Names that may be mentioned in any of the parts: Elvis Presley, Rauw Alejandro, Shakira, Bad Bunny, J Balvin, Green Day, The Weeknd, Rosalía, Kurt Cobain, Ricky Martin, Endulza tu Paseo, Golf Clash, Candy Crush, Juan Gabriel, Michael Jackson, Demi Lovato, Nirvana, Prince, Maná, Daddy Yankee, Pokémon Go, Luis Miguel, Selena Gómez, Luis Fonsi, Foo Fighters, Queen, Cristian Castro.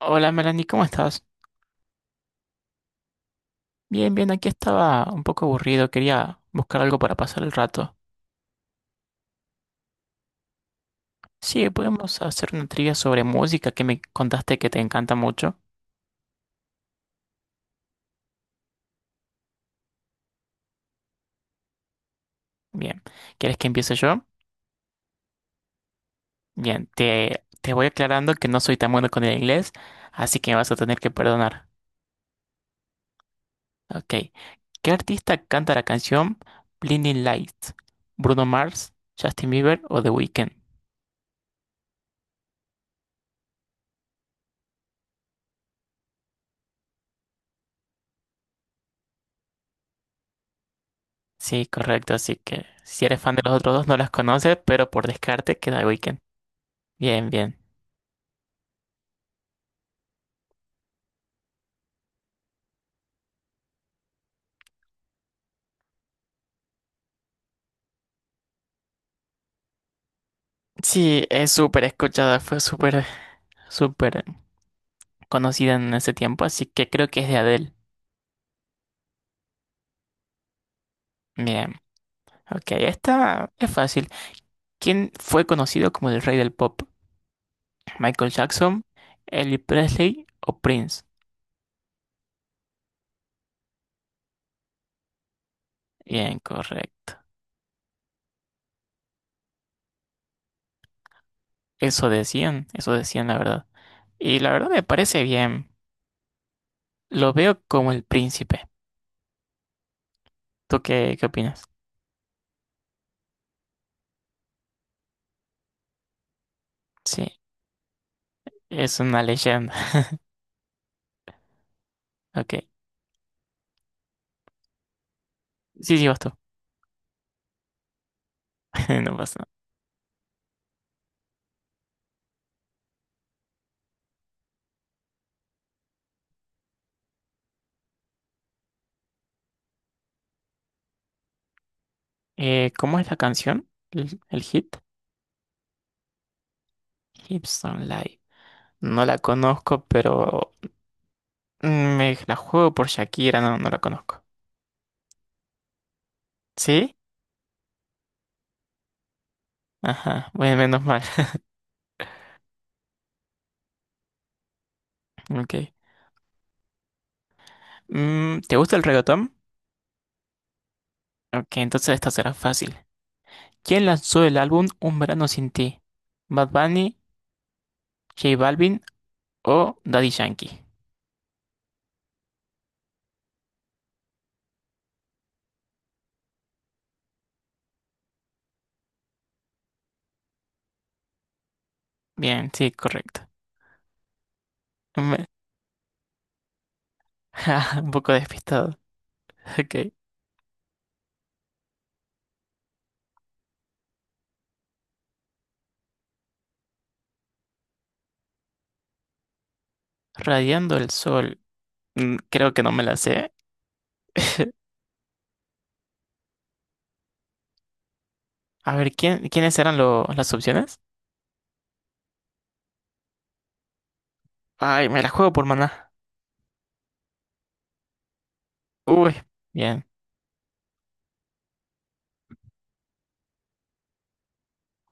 Hola Melanie, ¿cómo estás? Bien, bien, aquí estaba un poco aburrido, quería buscar algo para pasar el rato. Sí, podemos hacer una trivia sobre música que me contaste que te encanta mucho. Bien, ¿quieres que empiece yo? Bien, te voy aclarando que no soy tan bueno con el inglés, así que me vas a tener que perdonar. Ok, ¿qué artista canta la canción Blinding Lights? ¿Bruno Mars, Justin Bieber o The Weeknd? Sí, correcto, así que si eres fan de los otros dos no las conoces, pero por descarte queda The Weeknd. Bien, bien. Sí, es súper escuchada, fue súper, súper conocida en ese tiempo, así que creo que es de Adele. Bien, ok, esta es fácil. ¿Quién fue conocido como el rey del pop? ¿Michael Jackson, Elvis Presley o Prince? Bien, correcto. Eso decían la verdad. Y la verdad me parece bien. Lo veo como el príncipe. ¿Tú qué, qué opinas? Sí, es una leyenda. Ok, sí, sí, vas tú. No pasa nada. ¿Cómo es la canción? ¿El hit? Gibson Live. No la conozco, pero mm, me la juego por Shakira, no, no la conozco. ¿Sí? Ajá, bueno, menos mal. Ok. ¿Te gusta el reggaetón? Ok, entonces esta será fácil. ¿Quién lanzó el álbum Un verano sin ti? ¿Bad Bunny, J Balvin o Daddy Yankee? Bien, sí, correcto. Me- Un poco despistado. Ok. Radiando el sol. Mm, creo que no me la sé. A ver, ¿quiénes eran las opciones? Ay, me la juego por maná. Uy, bien,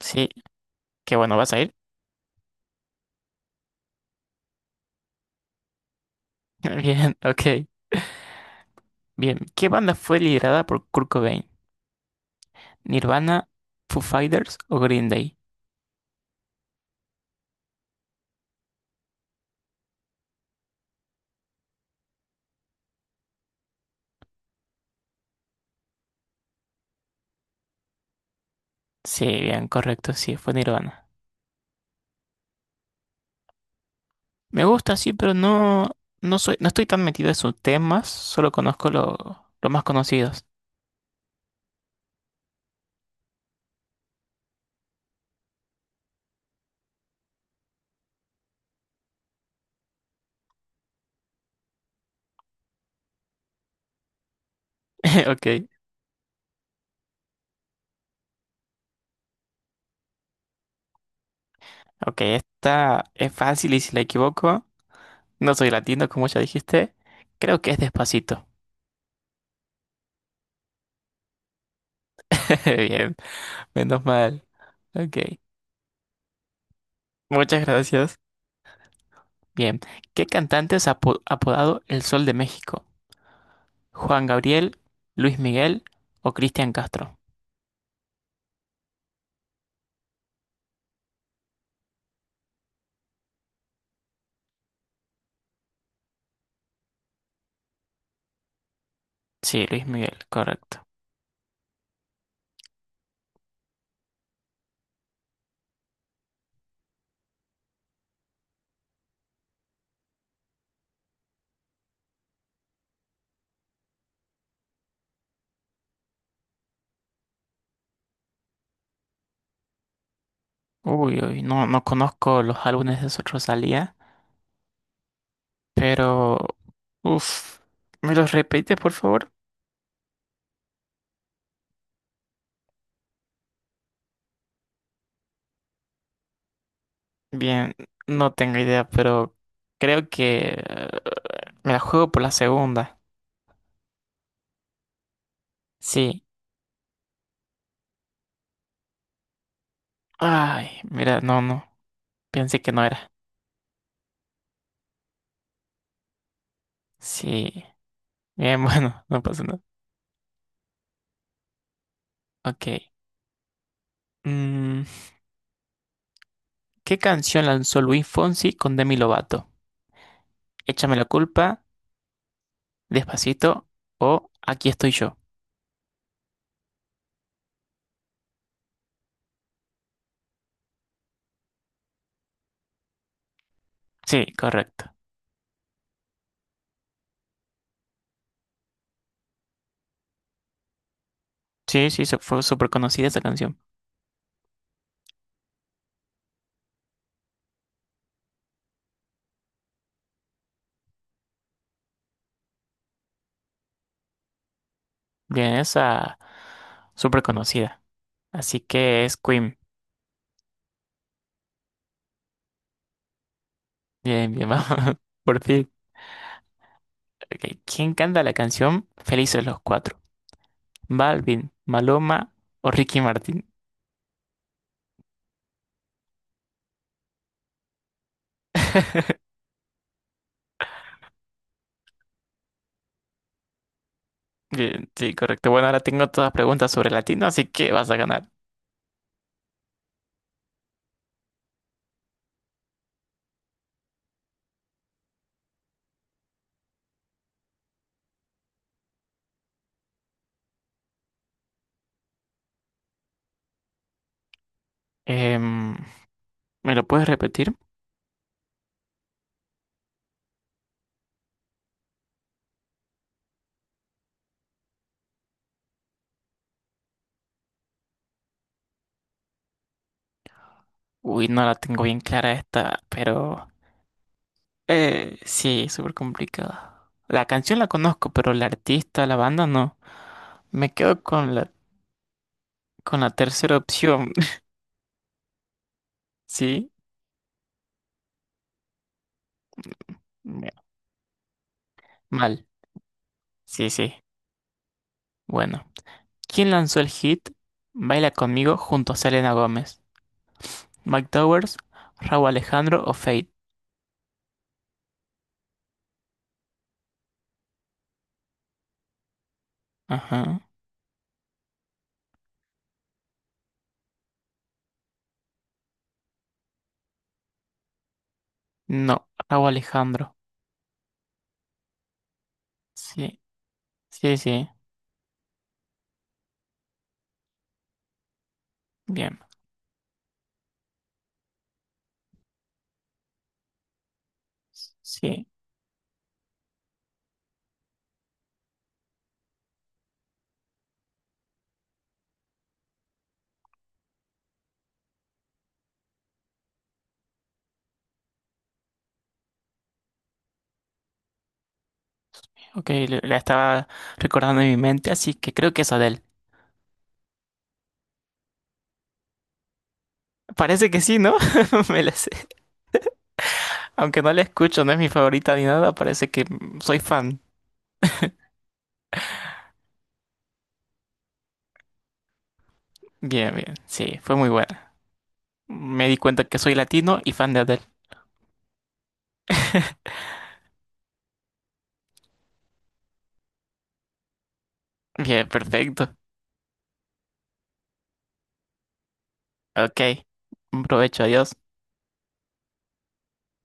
sí, qué bueno, ¿vas a ir? Bien, ok, bien. ¿Qué banda fue liderada por Kurt Cobain? ¿Nirvana, Foo Fighters o Green Day? Sí, bien, correcto, sí, fue Nirvana. Me gusta, sí, pero no, no soy, no estoy tan metido en sus temas, solo conozco los más conocidos. Ok, ok, esta es fácil y si la equivoco, no soy latino, como ya dijiste, creo que es Despacito. Bien, menos mal, ok. Muchas gracias. Bien, ¿qué cantante es apodado El Sol de México? ¿Juan Gabriel, Luis Miguel o Cristian Castro? Sí, Luis Miguel, correcto. Uy, uy, no, no conozco los álbumes de Rosalía, pero... Uf, ¿me los repites, por favor? Bien, no tengo idea, pero creo que me la juego por la segunda. Sí. Ay, mira, no, no, pensé que no era. Sí. Bien, bueno, no pasa nada. Ok. Mm, ¿qué canción lanzó Luis Fonsi con Demi Lovato? Échame la culpa, Despacito o Aquí estoy yo. Sí, correcto. Sí, sí, fue súper conocida esa canción. Bien, esa súper conocida. Así que es Queen. Bien, bien, vamos. Por fin. Ok, ¿quién canta la canción Felices los Cuatro? ¿Balvin, Maloma o Ricky Martin? Bien, sí, correcto. Bueno, ahora tengo todas preguntas sobre latino, así que vas a ganar. Em, ¿Me lo puedes repetir? Uy, no la tengo bien clara esta, pero sí, súper complicada. La canción la conozco, pero la artista, la banda no. Me quedo con con la tercera opción. Sí, me- mal. Sí, sí. Bueno, ¿quién lanzó el hit Baila conmigo junto a Selena Gómez? ¿Mike Towers, Rauw Alejandro o Fate? Ajá. No, Rauw Alejandro. Sí, sí, sí. Bien. Sí. Ok, la estaba recordando en mi mente, así que creo que es Adele. Parece que sí, ¿no? Me la sé. Aunque no la escucho, no es mi favorita ni nada, parece que soy fan. Bien, bien. Sí, fue muy buena. Me di cuenta que soy latino y fan de Adele. Bien, perfecto. Ok. Un provecho, adiós.